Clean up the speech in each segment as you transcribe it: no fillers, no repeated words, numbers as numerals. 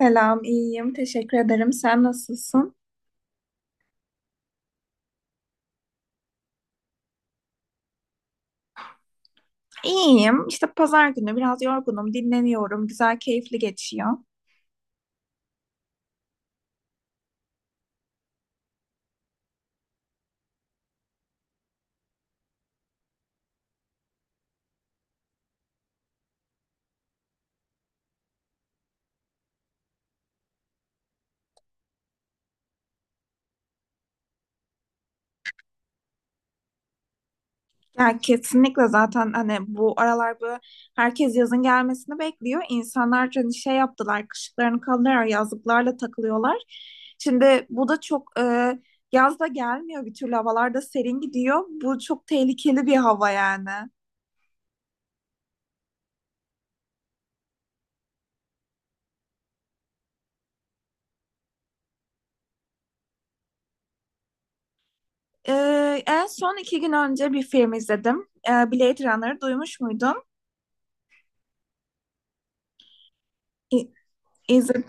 Selam, iyiyim. Teşekkür ederim. Sen nasılsın? İyiyim. İşte pazar günü biraz yorgunum, dinleniyorum. Güzel, keyifli geçiyor. Ya kesinlikle zaten hani bu aralar bu herkes yazın gelmesini bekliyor. İnsanlar hani şey yaptılar, kışlıklarını kaldırarak yazlıklarla takılıyorlar. Şimdi bu da çok yaz da gelmiyor bir türlü havalarda serin gidiyor. Bu çok tehlikeli bir hava yani. En son 2 gün önce bir film izledim. Blade Runner'ı duymuş muydun? İ- İzledim.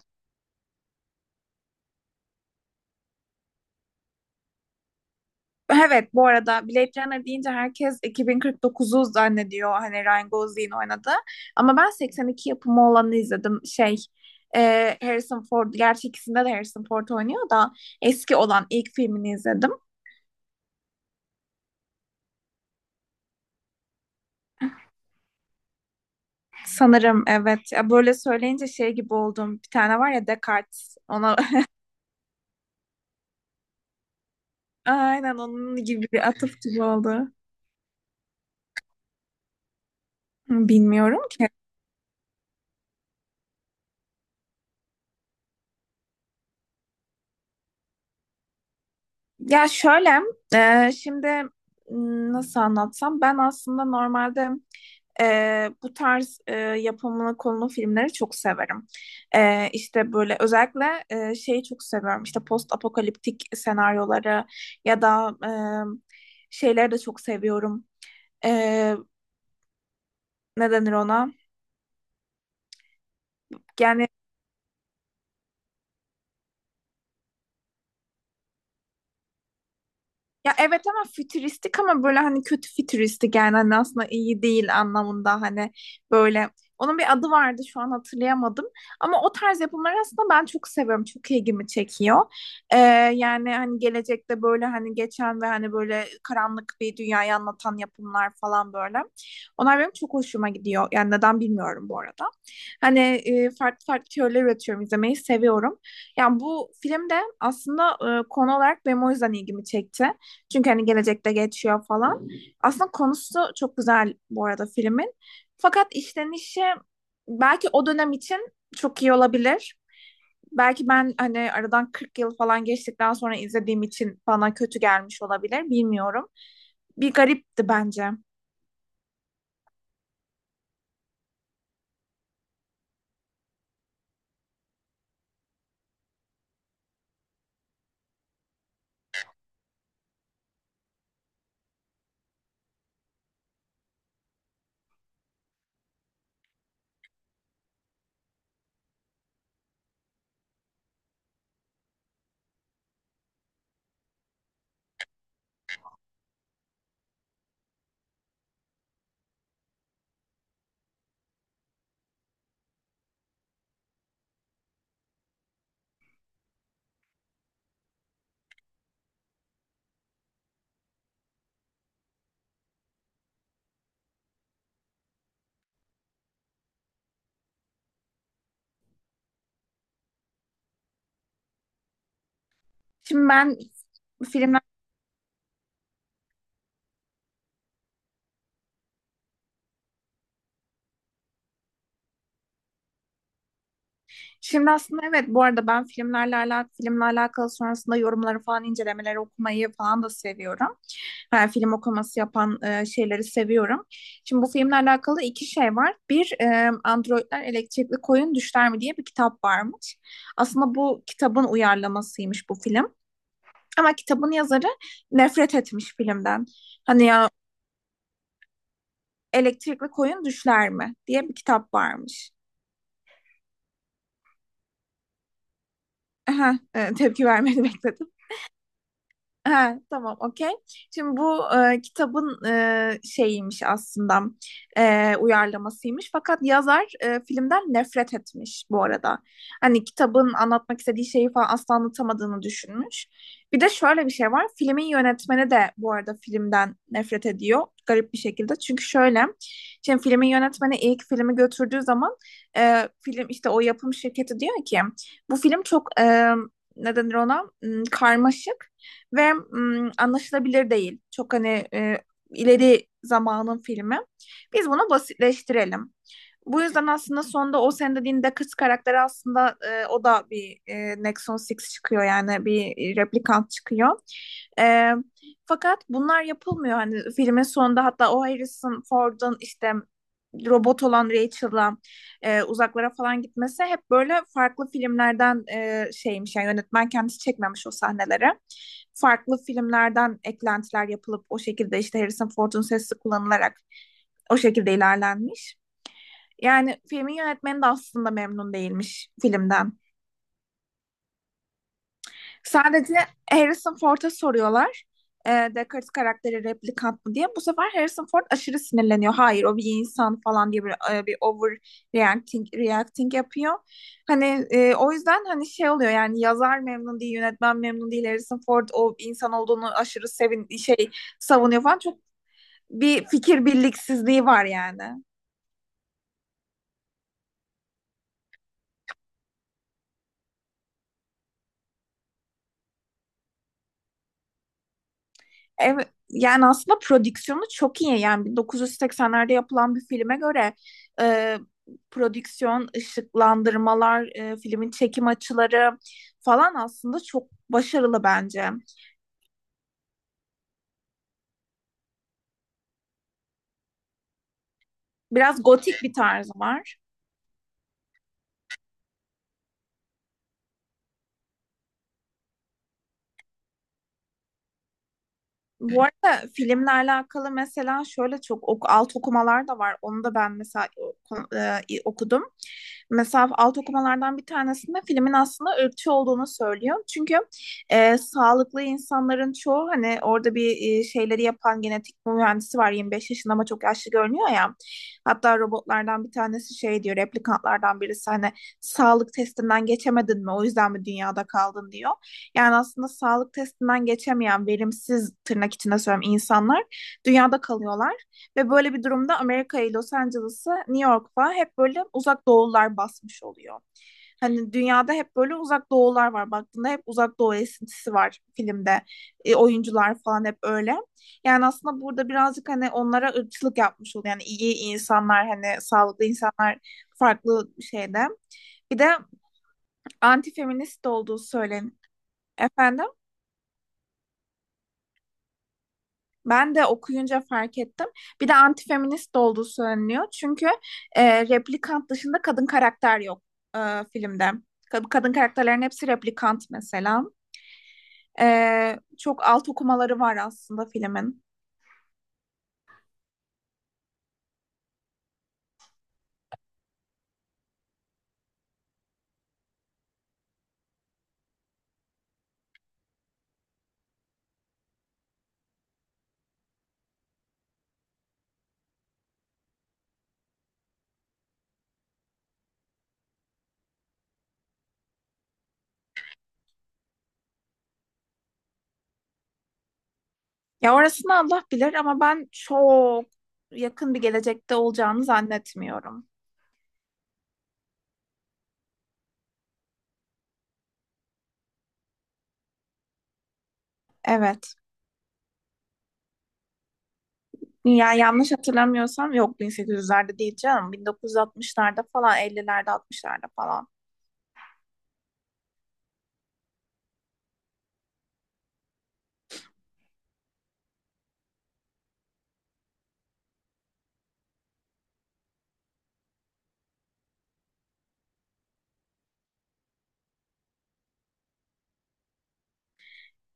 Evet, bu arada Blade Runner deyince herkes 2049'u zannediyor. Hani Ryan Gosling'in oynadı. Ama ben 82 yapımı olanı izledim. Şey, Harrison Ford, gerçi ikisinde de Harrison Ford oynuyor da eski olan ilk filmini izledim. Sanırım evet. Ya böyle söyleyince şey gibi oldum. Bir tane var ya Descartes. Ona aynen onun gibi bir atıf gibi oldu. Bilmiyorum. Ya şöyle, şimdi nasıl anlatsam ben aslında normalde bu tarz yapımını konulu filmleri çok severim. İşte böyle özellikle şeyi çok seviyorum. İşte post apokaliptik senaryoları ya da şeyleri de çok seviyorum. E, ne denir ona? Yani ya evet ama fütüristik ama böyle hani kötü fütüristik yani hani aslında iyi değil anlamında hani böyle onun bir adı vardı şu an hatırlayamadım ama o tarz yapımları aslında ben çok seviyorum çok ilgimi çekiyor. Ee, yani hani gelecekte böyle hani geçen ve hani böyle karanlık bir dünyayı anlatan yapımlar falan böyle onlar benim çok hoşuma gidiyor yani neden bilmiyorum bu arada hani farklı farklı teoriler üretiyorum izlemeyi seviyorum yani bu film de aslında konu olarak benim o yüzden ilgimi çekti çünkü hani gelecekte geçiyor falan. Aslında konusu çok güzel bu arada filmin. Fakat işlenişi belki o dönem için çok iyi olabilir. Belki ben hani aradan 40 yıl falan geçtikten sonra izlediğim için bana kötü gelmiş olabilir. Bilmiyorum. Bir garipti bence. Şimdi ben filmler şimdi aslında evet bu arada ben filmlerle alakalı filmle alakalı sonrasında yorumları falan incelemeleri okumayı falan da seviyorum. Ben film okuması yapan şeyleri seviyorum. Şimdi bu filmle alakalı iki şey var. Bir, Androidler Elektrikli Koyun Düşler mi diye bir kitap varmış. Aslında bu kitabın uyarlamasıymış bu film. Ama kitabın yazarı nefret etmiş filmden. Hani ya Elektrikli Koyun Düşler mi diye bir kitap varmış. Aha, tepki vermeni bekledim. Ha, tamam okey. Şimdi bu kitabın şeyiymiş aslında uyarlamasıymış. Fakat yazar filmden nefret etmiş bu arada. Hani kitabın anlatmak istediği şeyi falan asla anlatamadığını düşünmüş. Bir de şöyle bir şey var. Filmin yönetmeni de bu arada filmden nefret ediyor. Garip bir şekilde. Çünkü şöyle. Şimdi filmin yönetmeni ilk filmi götürdüğü zaman film işte o yapım şirketi diyor ki bu film çok ne denir ona? Karmaşık ve anlaşılabilir değil. Çok hani ileri zamanın filmi. Biz bunu basitleştirelim. Bu yüzden aslında sonda o senin dediğin de kız karakteri aslında o da bir Nexon 6 çıkıyor yani bir replikant çıkıyor. E, fakat bunlar yapılmıyor hani filmin sonunda hatta o Harrison Ford'un işte robot olan Rachel'la uzaklara falan gitmesi hep böyle farklı filmlerden şeymiş yani yönetmen kendisi çekmemiş o sahneleri farklı filmlerden eklentiler yapılıp o şekilde işte Harrison Ford'un sesi kullanılarak o şekilde ilerlenmiş. Yani filmin yönetmeni de aslında memnun değilmiş filmden. Sadece Harrison Ford'a soruyorlar. Descartes karakteri replikant mı diye. Bu sefer Harrison Ford aşırı sinirleniyor. Hayır o bir insan falan diye bir, bir over reacting yapıyor. Hani o yüzden hani şey oluyor yani yazar memnun değil, yönetmen memnun değil. Harrison Ford o insan olduğunu aşırı sevin şey savunuyor falan. Çok bir fikir birliksizliği var yani. Evet, yani aslında prodüksiyonu çok iyi. Yani 1980'lerde yapılan bir filme göre e, prodüksiyon, ışıklandırmalar, filmin çekim açıları falan aslında çok başarılı bence. Biraz gotik bir tarzı var. Bu arada filmle alakalı mesela şöyle çok ok alt okumalar da var. Onu da ben mesela okudum. Mesela alt okumalardan bir tanesinde filmin aslında ırkçı olduğunu söylüyor. Çünkü sağlıklı insanların çoğu hani orada bir şeyleri yapan genetik mühendisi var 25 yaşında ama çok yaşlı görünüyor ya. Hatta robotlardan bir tanesi şey diyor replikantlardan birisi hani sağlık testinden geçemedin mi o yüzden mi dünyada kaldın diyor. Yani aslında sağlık testinden geçemeyen verimsiz tırnak içinde söylüyorum insanlar dünyada kalıyorlar. Ve böyle bir durumda Amerika'yı, Los Angeles'ı, New York'la hep böyle uzak doğular basmış oluyor. Hani dünyada hep böyle uzak doğular var. Baktığında hep uzak doğu esintisi var filmde. Oyuncular falan hep öyle. Yani aslında burada birazcık hani onlara ırkçılık yapmış oluyor. Yani iyi insanlar hani sağlıklı insanlar farklı şeyde. Bir de antifeminist olduğu söylen. Efendim? Ben de okuyunca fark ettim. Bir de antifeminist de olduğu söyleniyor. Çünkü replikant dışında kadın karakter yok e, filmde. Kadın karakterlerin hepsi replikant mesela. Çok alt okumaları var aslında filmin. Ya orasını Allah bilir ama ben çok yakın bir gelecekte olacağını zannetmiyorum. Evet. Ya yanlış hatırlamıyorsam yok 1800'lerde değil canım. 1960'larda falan, 50'lerde, 60'larda falan.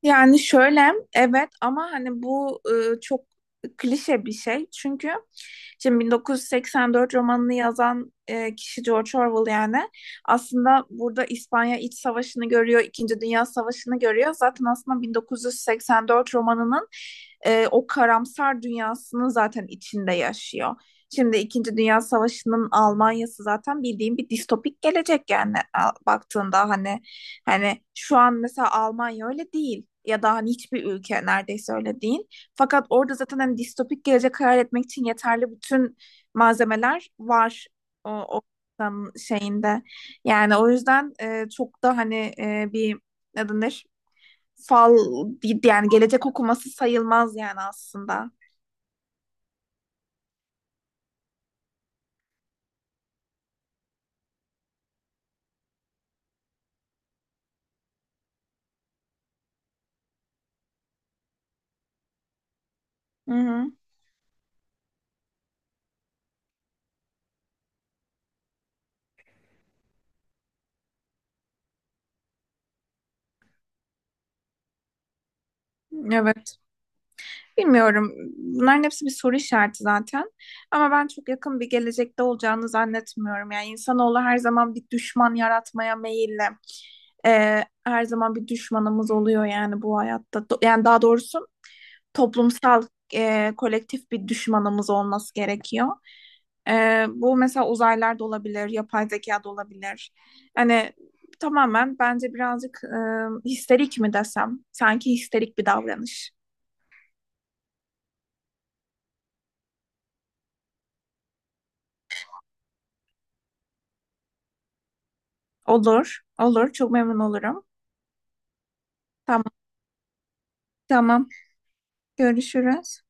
Yani şöyle evet ama hani bu çok klişe bir şey. Çünkü şimdi 1984 romanını yazan kişi George Orwell yani aslında burada İspanya İç Savaşı'nı görüyor, İkinci Dünya Savaşı'nı görüyor. Zaten aslında 1984 romanının o karamsar dünyasını zaten içinde yaşıyor. Şimdi İkinci Dünya Savaşı'nın Almanya'sı zaten bildiğim bir distopik gelecek yani baktığında hani hani şu an mesela Almanya öyle değil ya da hani hiçbir ülke neredeyse öyle değil. Fakat orada zaten hani distopik gelecek hayal etmek için yeterli bütün malzemeler var o insanın şeyinde. Yani o yüzden çok da hani bir ne denir? Fal yani gelecek okuması sayılmaz yani aslında. Hı hı. Evet. Bilmiyorum. Bunların hepsi bir soru işareti zaten. Ama ben çok yakın bir gelecekte olacağını zannetmiyorum. Yani insanoğlu her zaman bir düşman yaratmaya meyilli. Her zaman bir düşmanımız oluyor yani bu hayatta. Yani daha doğrusu toplumsal, kolektif bir düşmanımız olması gerekiyor. Bu mesela uzaylılar da olabilir, yapay zeka da olabilir. Hani tamamen bence birazcık histerik mi desem? Sanki histerik bir davranış. Olur, olur. Çok memnun olurum. Tamam, tamam. Görüşürüz.